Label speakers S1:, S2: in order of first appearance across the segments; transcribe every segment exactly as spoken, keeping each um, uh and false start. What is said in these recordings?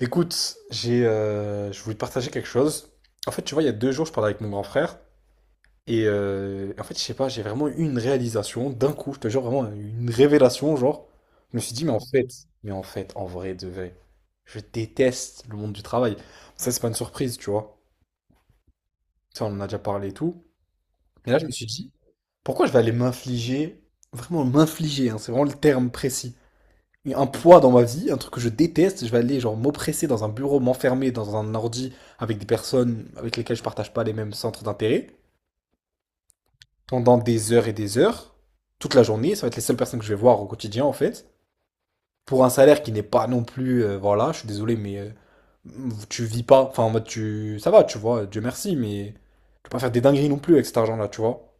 S1: Écoute, j'ai, euh, je voulais te partager quelque chose. En fait, tu vois, il y a deux jours, je parlais avec mon grand frère. Et euh, en fait, je sais pas, j'ai vraiment eu une réalisation d'un coup, je te jure, vraiment une révélation. Genre, je me suis dit, mais en fait, mais en fait, en vrai, de vrai, je déteste le monde du travail. Ça, c'est pas une surprise, tu vois. Ça, on en a déjà parlé et tout. Mais là, je me suis dit, pourquoi je vais aller m'infliger, vraiment m'infliger, hein, c'est vraiment le terme précis, un poids dans ma vie, un truc que je déteste, je vais aller genre m'oppresser dans un bureau, m'enfermer dans un ordi avec des personnes avec lesquelles je partage pas les mêmes centres d'intérêt pendant des heures et des heures, toute la journée, ça va être les seules personnes que je vais voir au quotidien en fait, pour un salaire qui n'est pas non plus euh, voilà, je suis désolé mais euh, tu vis pas, enfin en mode tu ça va, tu vois, Dieu merci mais tu peux pas faire des dingueries non plus avec cet argent là, tu vois,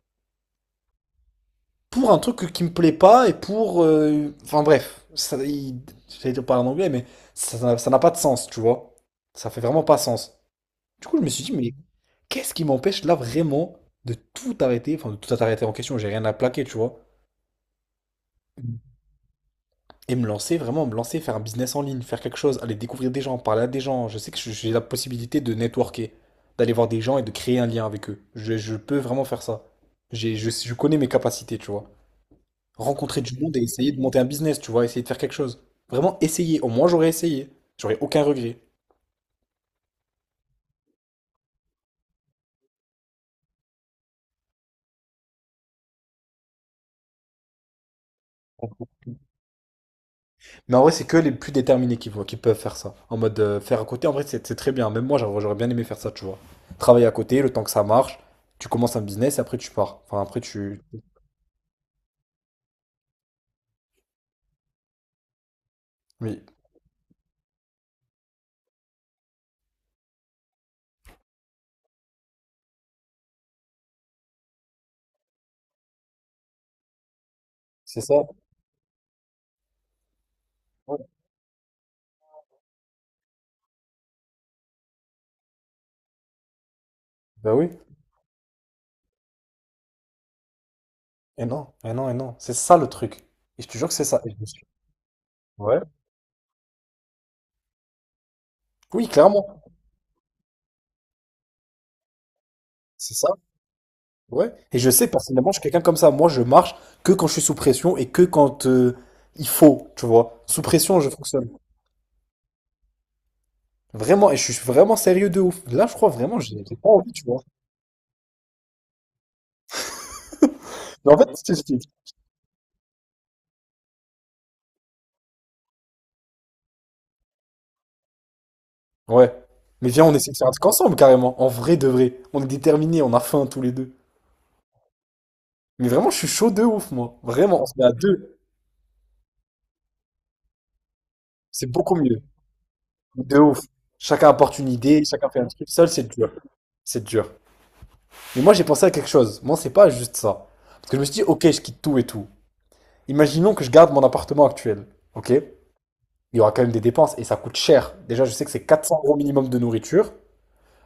S1: pour un truc qui me plaît pas. Et pour. Euh, Enfin bref, ça, il- j'allais dire parler en anglais, mais ça n'a ça n'a pas de sens, tu vois. Ça fait vraiment pas sens. Du coup, je me suis dit, mais qu'est-ce qui m'empêche là vraiment de tout arrêter, enfin de tout arrêter en question, j'ai rien à plaquer, tu vois. Et me lancer, vraiment me lancer, faire un business en ligne, faire quelque chose, aller découvrir des gens, parler à des gens. Je sais que je- j'ai la possibilité de networker, d'aller voir des gens et de créer un lien avec eux. Je, je peux vraiment faire ça. J'ai, je, je connais mes capacités, tu vois. Rencontrer du monde et essayer de monter un business, tu vois, essayer de faire quelque chose. Vraiment essayer. Au moins, j'aurais essayé. J'aurais aucun regret. Mais en vrai, c'est que les plus déterminés qui, voient- qui peuvent faire ça. En mode euh, faire à côté, en vrai, c'est c'est très bien. Même moi, j'aurais j'aurais bien aimé faire ça, tu vois. Travailler à côté, le temps que ça marche, tu commences un business et après tu pars. Enfin, après tu. Oui, c'est ça. Ouais. Bah oui. Et non, et non, et non. C'est ça le truc. Et je te jure que c'est ça. Et je me suis- Ouais. Oui, clairement. C'est ça. Ouais. Et je sais personnellement, je suis quelqu'un comme ça. Moi, je marche que quand je suis sous pression et que quand euh, il faut, tu vois. Sous pression, je fonctionne. Vraiment, et je suis vraiment sérieux de ouf. Là, je crois vraiment, j'ai j'ai pas envie, tu vois. Mais en fait, je t'explique. Ouais. Mais viens, on essaie de faire un truc ensemble, carrément. En vrai de vrai. On est déterminés, on a faim tous les deux. Mais vraiment, je suis chaud de ouf, moi. Vraiment, on se met à deux. C'est beaucoup mieux. De ouf. Chacun apporte une idée, chacun fait un truc. Seul, c'est dur. C'est dur. Mais moi, j'ai pensé à quelque chose. Moi, c'est pas juste ça. Parce que je me suis dit, ok, je quitte tout et tout. Imaginons que je garde mon appartement actuel, ok? Il y aura quand même des dépenses et ça coûte cher. Déjà, je sais que c'est quatre cents euros minimum de nourriture.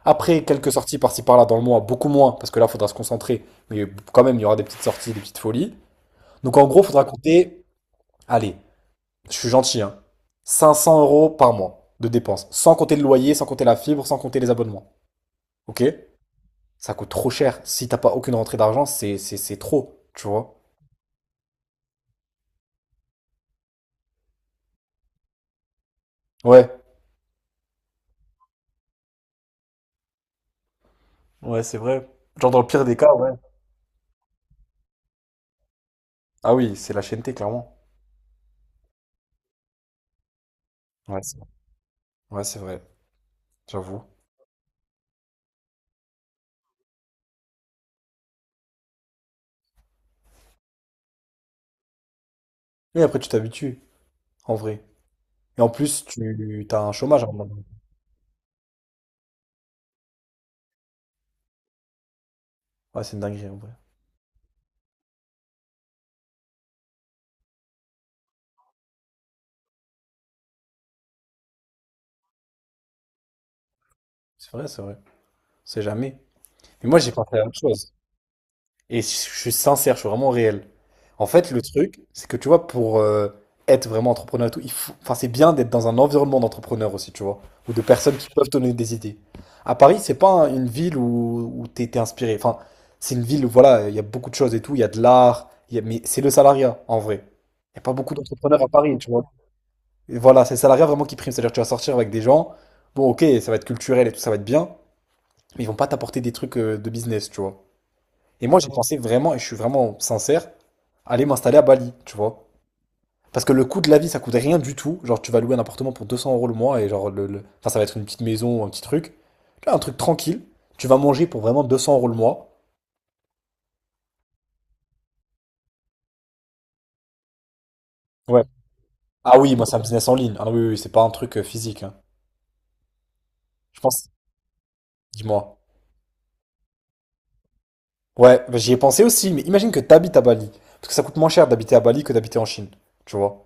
S1: Après, quelques sorties par-ci par-là dans le mois, beaucoup moins, parce que là, il faudra se concentrer. Mais quand même, il y aura des petites sorties, des petites folies. Donc en gros, il faudra compter, allez, je suis gentil, hein, cinq cents euros par mois de dépenses, sans compter le loyer, sans compter la fibre, sans compter les abonnements. Ok? Ça coûte trop cher. Si t'as pas aucune rentrée d'argent, c'est c'est- c'est trop, tu vois? Ouais. Ouais, c'est vrai. Genre dans le pire des cas, ouais. Ah oui, c'est la chaîne T, clairement. Ouais, c'est ouais, c'est vrai, j'avoue. Et après, tu t'habitues, en vrai. Et en plus, tu as un chômage à un moment donné. Ouais, c'est une dinguerie, en vrai. C'est vrai, c'est vrai. On sait jamais. Mais moi, j'ai pensé à autre chose. Et je suis sincère, je suis vraiment réel. En fait, le truc, c'est que tu vois, pour euh, être vraiment entrepreneur et tout, il faut, enfin, c'est bien d'être dans un environnement d'entrepreneurs aussi, tu vois, ou de personnes qui peuvent te donner des idées. À Paris, c'est pas un- une ville où, où t'es t'es inspiré. Enfin, c'est une ville où, voilà, il y a beaucoup de choses et tout, il y a de l'art, il y a, mais c'est le salariat, en vrai. Il n'y a pas beaucoup d'entrepreneurs à Paris, tu vois. Et voilà, c'est le salariat vraiment qui prime. C'est-à-dire que tu vas sortir avec des gens, bon, ok, ça va être culturel et tout, ça va être bien, mais ils vont pas t'apporter des trucs euh, de business, tu vois. Et moi, j'ai pensé vraiment, et je suis vraiment sincère, aller m'installer à Bali, tu vois. Parce que le coût de la vie, ça coûte rien du tout. Genre, tu vas louer un appartement pour deux cents euros le mois, et genre, le, le- enfin, ça va être une petite maison, un petit truc. Tu vois, un truc tranquille. Tu vas manger pour vraiment deux cents euros le mois. Ouais. Ah oui, moi, c'est un business en ligne. Ah oui, oui, oui, c'est pas un truc euh, physique, hein. Je pense, dis-moi. Ouais, bah, j'y ai pensé aussi, mais imagine que t'habites à Bali. Parce que ça coûte moins cher d'habiter à Bali que d'habiter en Chine. Tu vois?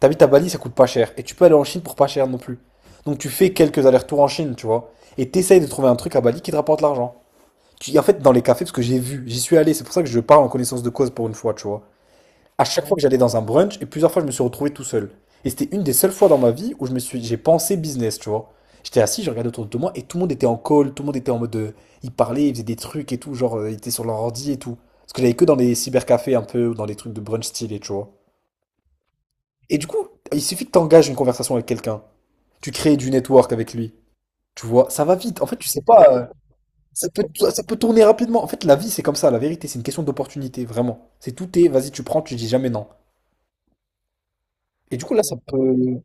S1: T'habites à Bali, ça coûte pas cher. Et tu peux aller en Chine pour pas cher non plus. Donc tu fais quelques allers-retours en Chine, tu vois? Et t'essayes de trouver un truc à Bali qui te rapporte l'argent. Tu- En fait, dans les cafés, parce que j'ai vu, j'y suis allé, c'est pour ça que je parle en connaissance de cause pour une fois, tu vois? À chaque fois que j'allais dans un brunch, et plusieurs fois je me suis retrouvé tout seul. Et c'était une des seules fois dans ma vie où je me suis, j'ai pensé business, tu vois. J'étais assis, je regardais autour de moi et tout le monde était en call, tout le monde était en mode, de- ils parlaient, ils faisaient des trucs et tout, genre euh, ils étaient sur leur ordi et tout. Parce que j'allais que dans les cybercafés un peu, ou dans les trucs de brunch stylé, tu vois. Et du coup, il suffit que t'engages une conversation avec quelqu'un, tu crées du network avec lui, tu vois. Ça va vite. En fait, tu sais pas, euh, ça peut, ça peut tourner rapidement. En fait, la vie c'est comme ça, la vérité, c'est une question d'opportunité, vraiment. C'est tout est, vas-y, tu prends, tu dis jamais non. Et du coup, là, ça peut.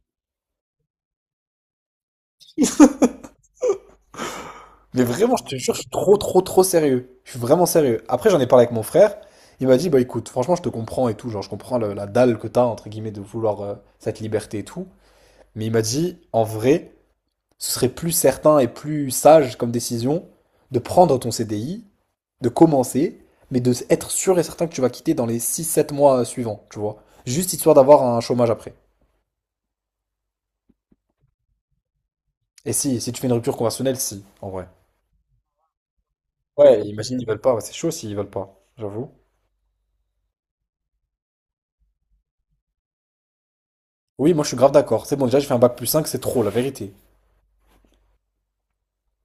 S1: Mais vraiment, je te jure, je suis trop, trop, trop sérieux. Je suis vraiment sérieux. Après, j'en ai parlé avec mon frère. Il m'a dit, bah écoute, franchement, je te comprends et tout. Genre, je comprends le- la dalle que t'as, entre guillemets, de vouloir euh, cette liberté et tout. Mais il m'a dit, en vrai, ce serait plus certain et plus sage comme décision de prendre ton C D I, de commencer, mais de être sûr et certain que tu vas quitter dans les six, sept mois euh, suivants, tu vois. Juste histoire d'avoir un chômage après. Et si, si tu fais une rupture conventionnelle, si, en vrai. Ouais, imagine, ils veulent pas. Ouais, c'est chaud s'ils veulent pas, j'avoue. Oui, moi je suis grave d'accord. C'est bon, déjà j'ai fait un bac plus cinq, c'est trop, la vérité.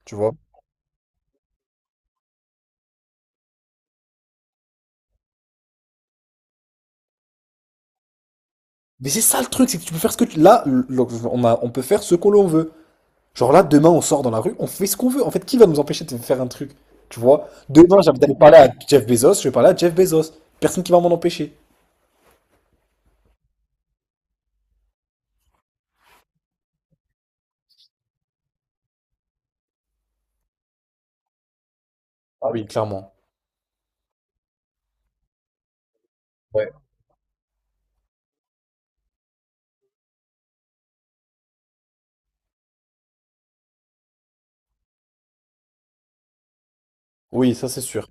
S1: Tu vois? Mais c'est ça le truc, c'est que tu peux faire ce que tu. Là, le- le- on a, on peut faire ce que l'on veut. Genre là, demain on sort dans la rue, on fait ce qu'on veut. En fait, qui va nous empêcher de faire un truc? Tu vois? Demain, j'ai envie d'aller parler à Jeff Bezos, je vais parler à Jeff Bezos. Personne qui va m'en empêcher. Ah oui, clairement. Ouais. Oui, ça c'est sûr.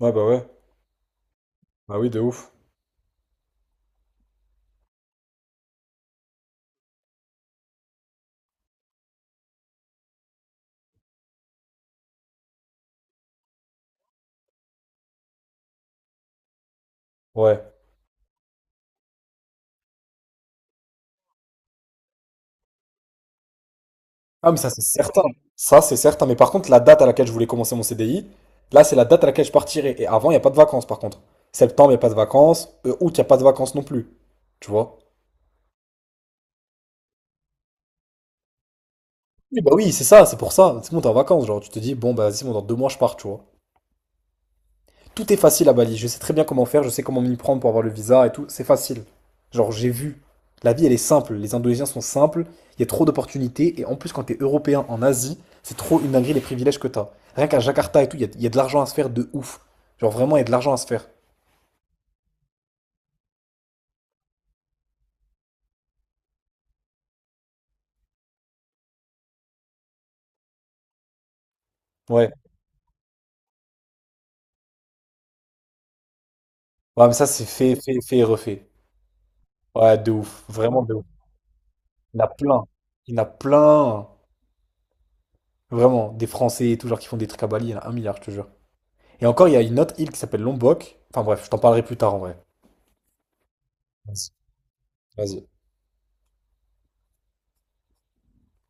S1: Ouais, bah ouais. Bah oui, de ouf. Ouais. Ah, mais ça, c'est certain. Ça, c'est certain. Mais par contre, la date à laquelle je voulais commencer mon C D I, là, c'est la date à laquelle je partirai. Et avant, il n'y a pas de vacances, par contre. Septembre, il n'y a pas de vacances. Euh, août, il n'y a pas de vacances non plus. Tu vois? Oui, bah oui, c'est ça, c'est pour ça. C'est bon, t'es en vacances, genre. Tu te dis, bon, bah, vas-y, c'est bon, dans deux mois, je pars, tu vois. Tout est facile à Bali. Je sais très bien comment faire, je sais comment m'y prendre pour avoir le visa et tout. C'est facile. Genre, j'ai vu. La vie, elle est simple. Les Indonésiens sont simples. Il y a trop d'opportunités. Et en plus, quand t'es européen en Asie, c'est trop une dinguerie les privilèges que t'as. Rien qu'à Jakarta et tout, il y a, il y a de l'argent à se faire de ouf. Genre, vraiment, il y a de l'argent à se faire. Ouais. Ouais, mais ça, c'est fait, fait, fait et refait. Ouais, de ouf. Vraiment de ouf. Il y en a plein. Il y en a plein. Vraiment. Des Français et tout, genre, qui font des trucs à Bali. Il y en a un milliard, je te jure. Et encore, il y a une autre île qui s'appelle Lombok. Enfin, bref, je t'en parlerai plus tard en vrai. Vas-y. Vas-y.